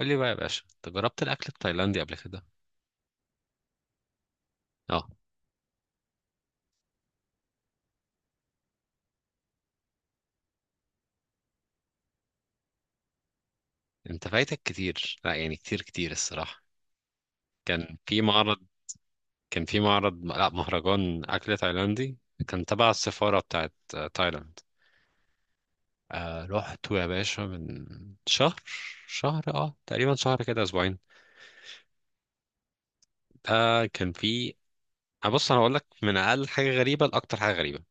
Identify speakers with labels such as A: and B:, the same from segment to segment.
A: قول لي بقى يا باشا، انت جربت الاكل التايلاندي قبل كده؟ اه. انت فايتك كتير، لا يعني كتير كتير الصراحه. كان في معرض كان في معرض، لا، مهرجان اكل تايلاندي. كان تبع السفاره بتاعت تايلاند. رحت يا باشا من شهر شهر، تقريبا شهر كده، اسبوعين. ده كان في. بص انا هقول لك من اقل حاجه غريبه لاكتر حاجه غريبه.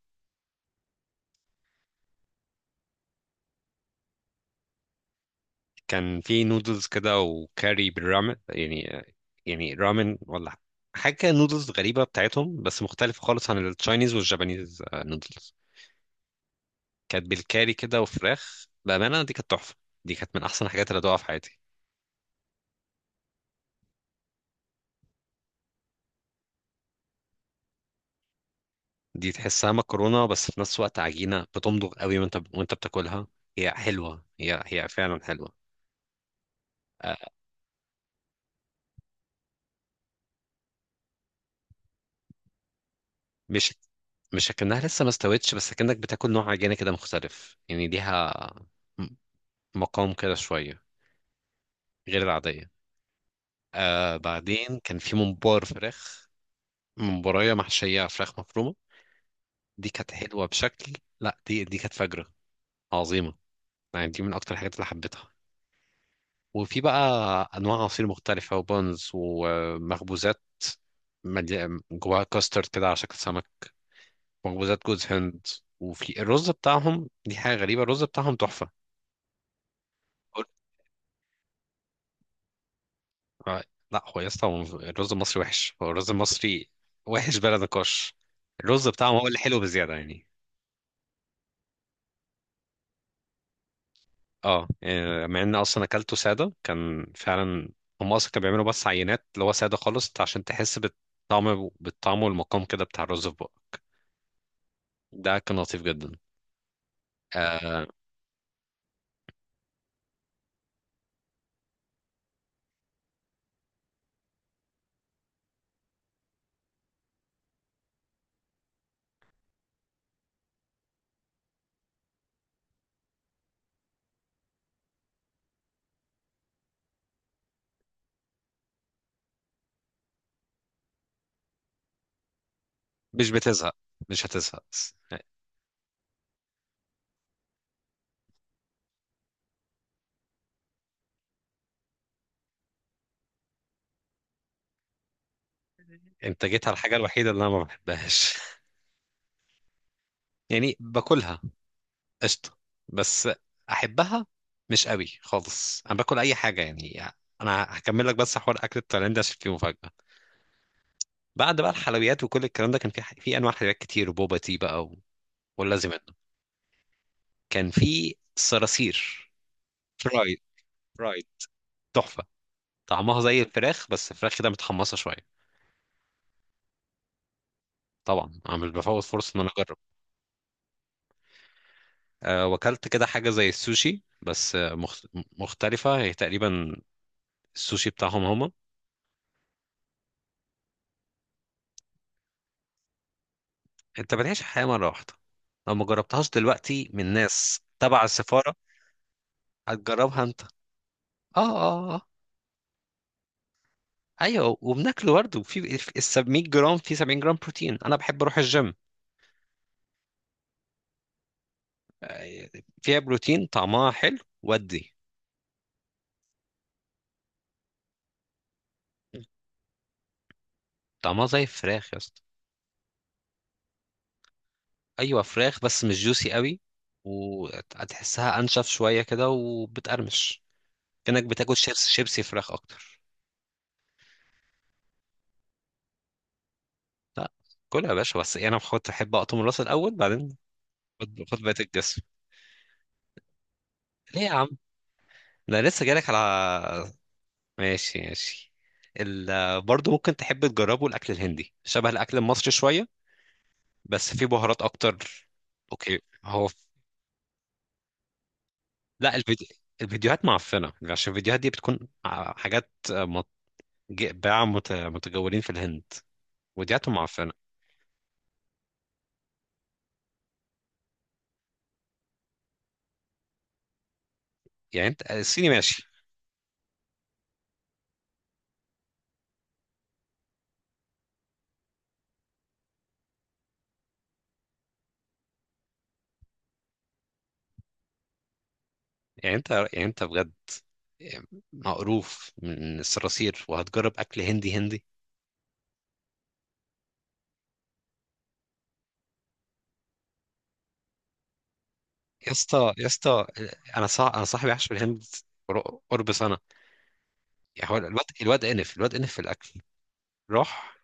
A: كان في نودلز كده وكاري بالرامن، يعني رامن ولا حاجة كده، نودلز غريبة بتاعتهم، بس مختلفة خالص عن التشاينيز والجابانيز، نودلز. كانت بالكاري كده، وفراخ بأمانة دي كانت تحفة. دي كانت من أحسن الحاجات اللي دوقها في حياتي. دي تحسها مكرونة بس في نفس الوقت عجينة، بتمضغ قوي وانت بتاكلها. هي حلوة، هي فعلا حلوة. آه، مش مش اكنها لسه ما استوتش، بس اكنك بتاكل نوع عجينة كده مختلف، يعني ليها م- مقام كده شوية غير العادية. آه، بعدين كان في ممبار فراخ، ممبراية محشية فراخ مفرومة. دي كانت حلوة بشكل. لا، دي كانت فجرة، عظيمة. يعني دي من أكتر الحاجات اللي حبيتها. وفي بقى أنواع عصير مختلفة، وبونز، ومخبوزات جواها كاسترد كده على شكل سمك، مخبوزات جوز هند. وفي الرز بتاعهم، دي حاجة غريبة، الرز بتاعهم تحفة. قلت- آه، لا هو يا اسطى، هو الرز المصري وحش، هو الرز المصري وحش بلا نقاش. الرز بتاعهم هو اللي حلو بزيادة يعني. اه. مع ان اصلا اكلته ساده كان فعلا، هم اصلا كانوا بيعملوا بس عينات اللي هو ساده خالص عشان تحس بالطعم، بالطعم والمقام كده بتاع الرز في بقك. ده كان لطيف جدا. آه. مش بتزهق مش هتزهق. انت جيت على الحاجه الوحيده اللي انا ما بحبهاش. يعني باكلها، قشطه، بس احبها مش قوي خالص، انا باكل اي حاجه يعني. انا هكمل لك بس حوار اكل التايلاندي عشان فيه مفاجاه. بعد بقى الحلويات وكل الكلام ده، كان في انواع حلويات كتير، وبوبا تي بقى، و... واللازم. كان في صراصير فرايد فرايد، تحفه. طعمها زي الفراخ، بس الفراخ كده متحمصه شويه. طبعا انا مش بفوت فرصه ان انا اجرب. أه، وكلت كده حاجه زي السوشي، بس مختلفه هي تقريبا، السوشي بتاعهم هما. انت بتعيش الحياه مره واحده، لو ما جربتهاش دلوقتي من ناس تبع السفاره هتجربها انت؟ اه اه اه. ايوه، وبناكله برضه، في ال 700 جرام في 70 جرام بروتين، انا بحب اروح الجيم. آه، فيها بروتين، طعمها حلو ودي. طعمها زي الفراخ يا اسطى، ايوه فراخ بس مش جوسي قوي، وهتحسها انشف شويه كده وبتقرمش، كانك بتاكل شيبس، شيبسي فراخ اكتر. لا كلها يا باشا، بس انا بحط احب اقطم الراس الاول، بعدين خد خد بقيه الجسم. ليه يا عم؟ ده لسه جالك على. ماشي ماشي. ال... برضه ممكن تحب تجربه الاكل الهندي، شبه الاكل المصري شويه بس فيه بهارات اكتر. اوكي. هو لا، الفيديو، الفيديوهات معفنه، عشان الفيديوهات دي بتكون حاجات، باعة متجولين في الهند، وديعتهم معفنة. يعني انت الصيني ماشي. يعني انت بجد مقروف من الصراصير وهتجرب اكل هندي؟ هندي؟ يا اسطى يا اسطى، انا صاحبي عاش في الهند قرب سنة، يعني هو الواد انف في الاكل، راح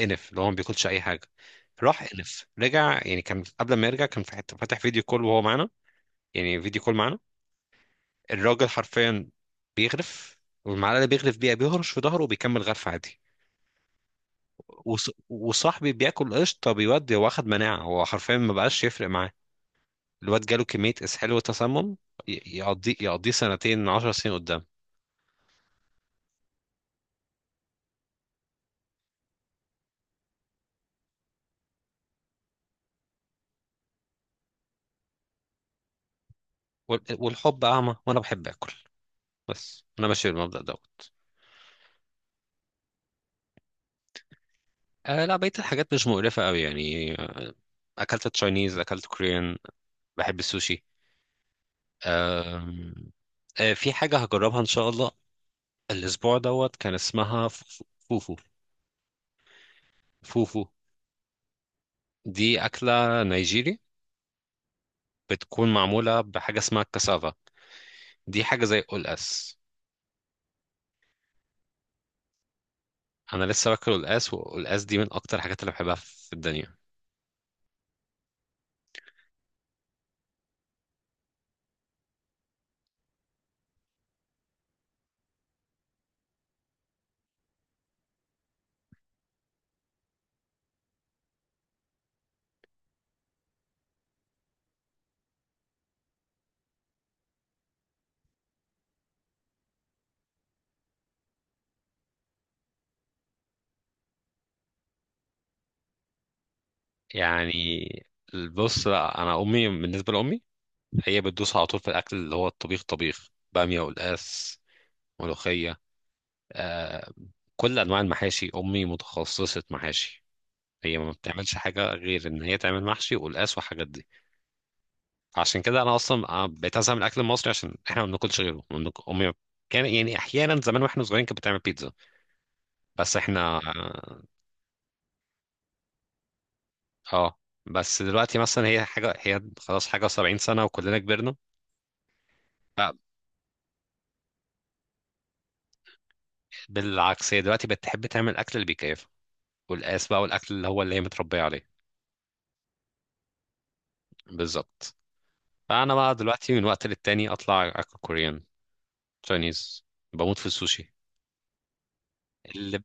A: انف، اللي هو ما بياكلش اي حاجة. راح انف، رجع، يعني كان قبل ما يرجع كان في حته فاتح فيديو كول وهو معانا، يعني فيديو كول معانا، الراجل حرفيا بيغرف، والمعلقه اللي بيغرف بيها بيهرش في ظهره وبيكمل غرف عادي. وصاحبي بياكل قشطه بيودي، هو اخد مناعه، هو حرفيا ما بقاش يفرق معاه. الواد جاله كميه اسهال وتسمم، يقضيه سنتين 10 سنين قدام. والحب اعمى وانا بحب اكل، بس انا ماشي بالمبدأ دوت. آه، لا بقيه الحاجات مش مقرفه قوي يعني. اكلت تشاينيز، اكلت كوريان، بحب السوشي. أم، في حاجة هجربها إن شاء الله الأسبوع دوت، كان اسمها فوفو. فوفو دي أكلة نيجيري، بتكون معمولة بحاجة اسمها الكسافة، دي حاجة زي القلقاس. أنا لسه باكل القلقاس، والقلقاس دي من أكتر الحاجات اللي بحبها في الدنيا، يعني. بص، لا أنا أمي، بالنسبة لأمي، هي بتدوس على طول في الأكل اللي هو الطبيخ، طبيخ بامية، والقلقاس، ملوخية، آه، كل أنواع المحاشي. أمي متخصصة محاشي، هي ما بتعملش حاجة غير إن هي تعمل محشي والقلقاس والحاجات دي. عشان كده أنا أصلا بقيت أزهق من الأكل المصري، عشان إحنا ما بناكلش غيره، ما بناك- أمي كان، يعني، أحيانا زمان وإحنا صغيرين كانت بتعمل بيتزا، بس إحنا. اه. بس دلوقتي مثلا هي حاجة، هي خلاص حاجة و70 سنة وكلنا كبرنا. فبالعكس هي دلوقتي بقت تحب تعمل الأكل اللي بيكيفها، والقاس بقى، والأكل اللي هو اللي هي متربية عليه. بالظبط. فأنا بقى دلوقتي من وقت للتاني أطلع أكل كوريان، تشاينيز، بموت في السوشي. اللي.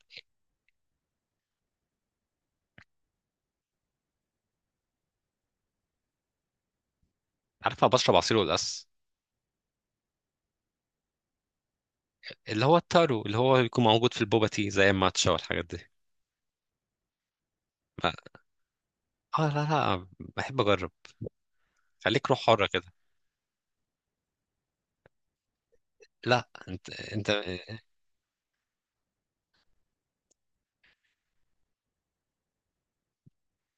A: عارف أنا بشرب عصير والقاس، اللي هو التارو، اللي هو بيكون موجود في البوبا تي زي الماتشا والحاجات دي. ف- اه، لا لا، بحب أجرب، خليك روح حرة كده. لا انت انت،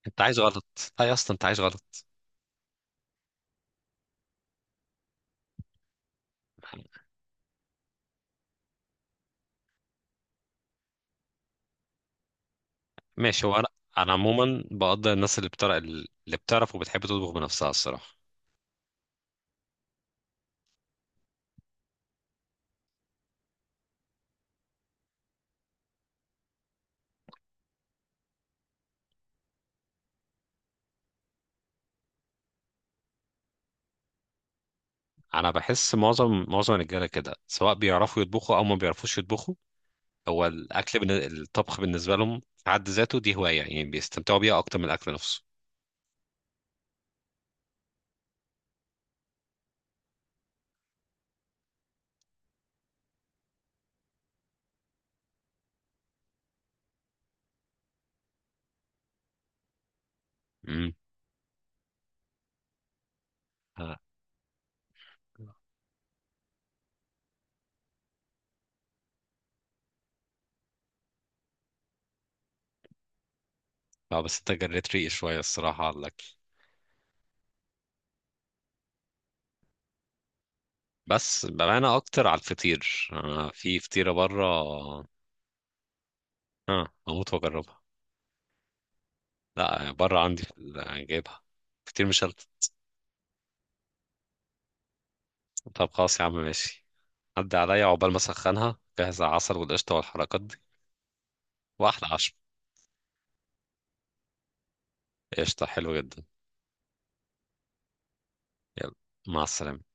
A: انت عايز غلط، لا يا اسطى انت عايز غلط. ماشي. هو انا، انا عموما بقدر الناس اللي بتعرف، وبتحب تطبخ بنفسها، الصراحه. انا بحس معظم الرجاله كده، سواء بيعرفوا يطبخوا او ما بيعرفوش يطبخوا، هو الاكل الطبخ بالنسبه لهم في حد ذاته دي هوايه، يعني بيستمتعوا بيها اكتر من الاكل نفسه. امم. اه. بس انت جريت ريقي شويه الصراحه على الاكل. بس بمعنى اكتر على الفطير، انا في فطيره بره، اه اموت واجربها. لا بره عندي، في جايبها، فطير مشلتت. طب خلاص يا عم ماشي، عدى عليا عقبال ما اسخنها، جهز العسل والقشطة والحركات دي، واحلى عشاء. قشطة، حلو جدا. يلا، مع السلامة.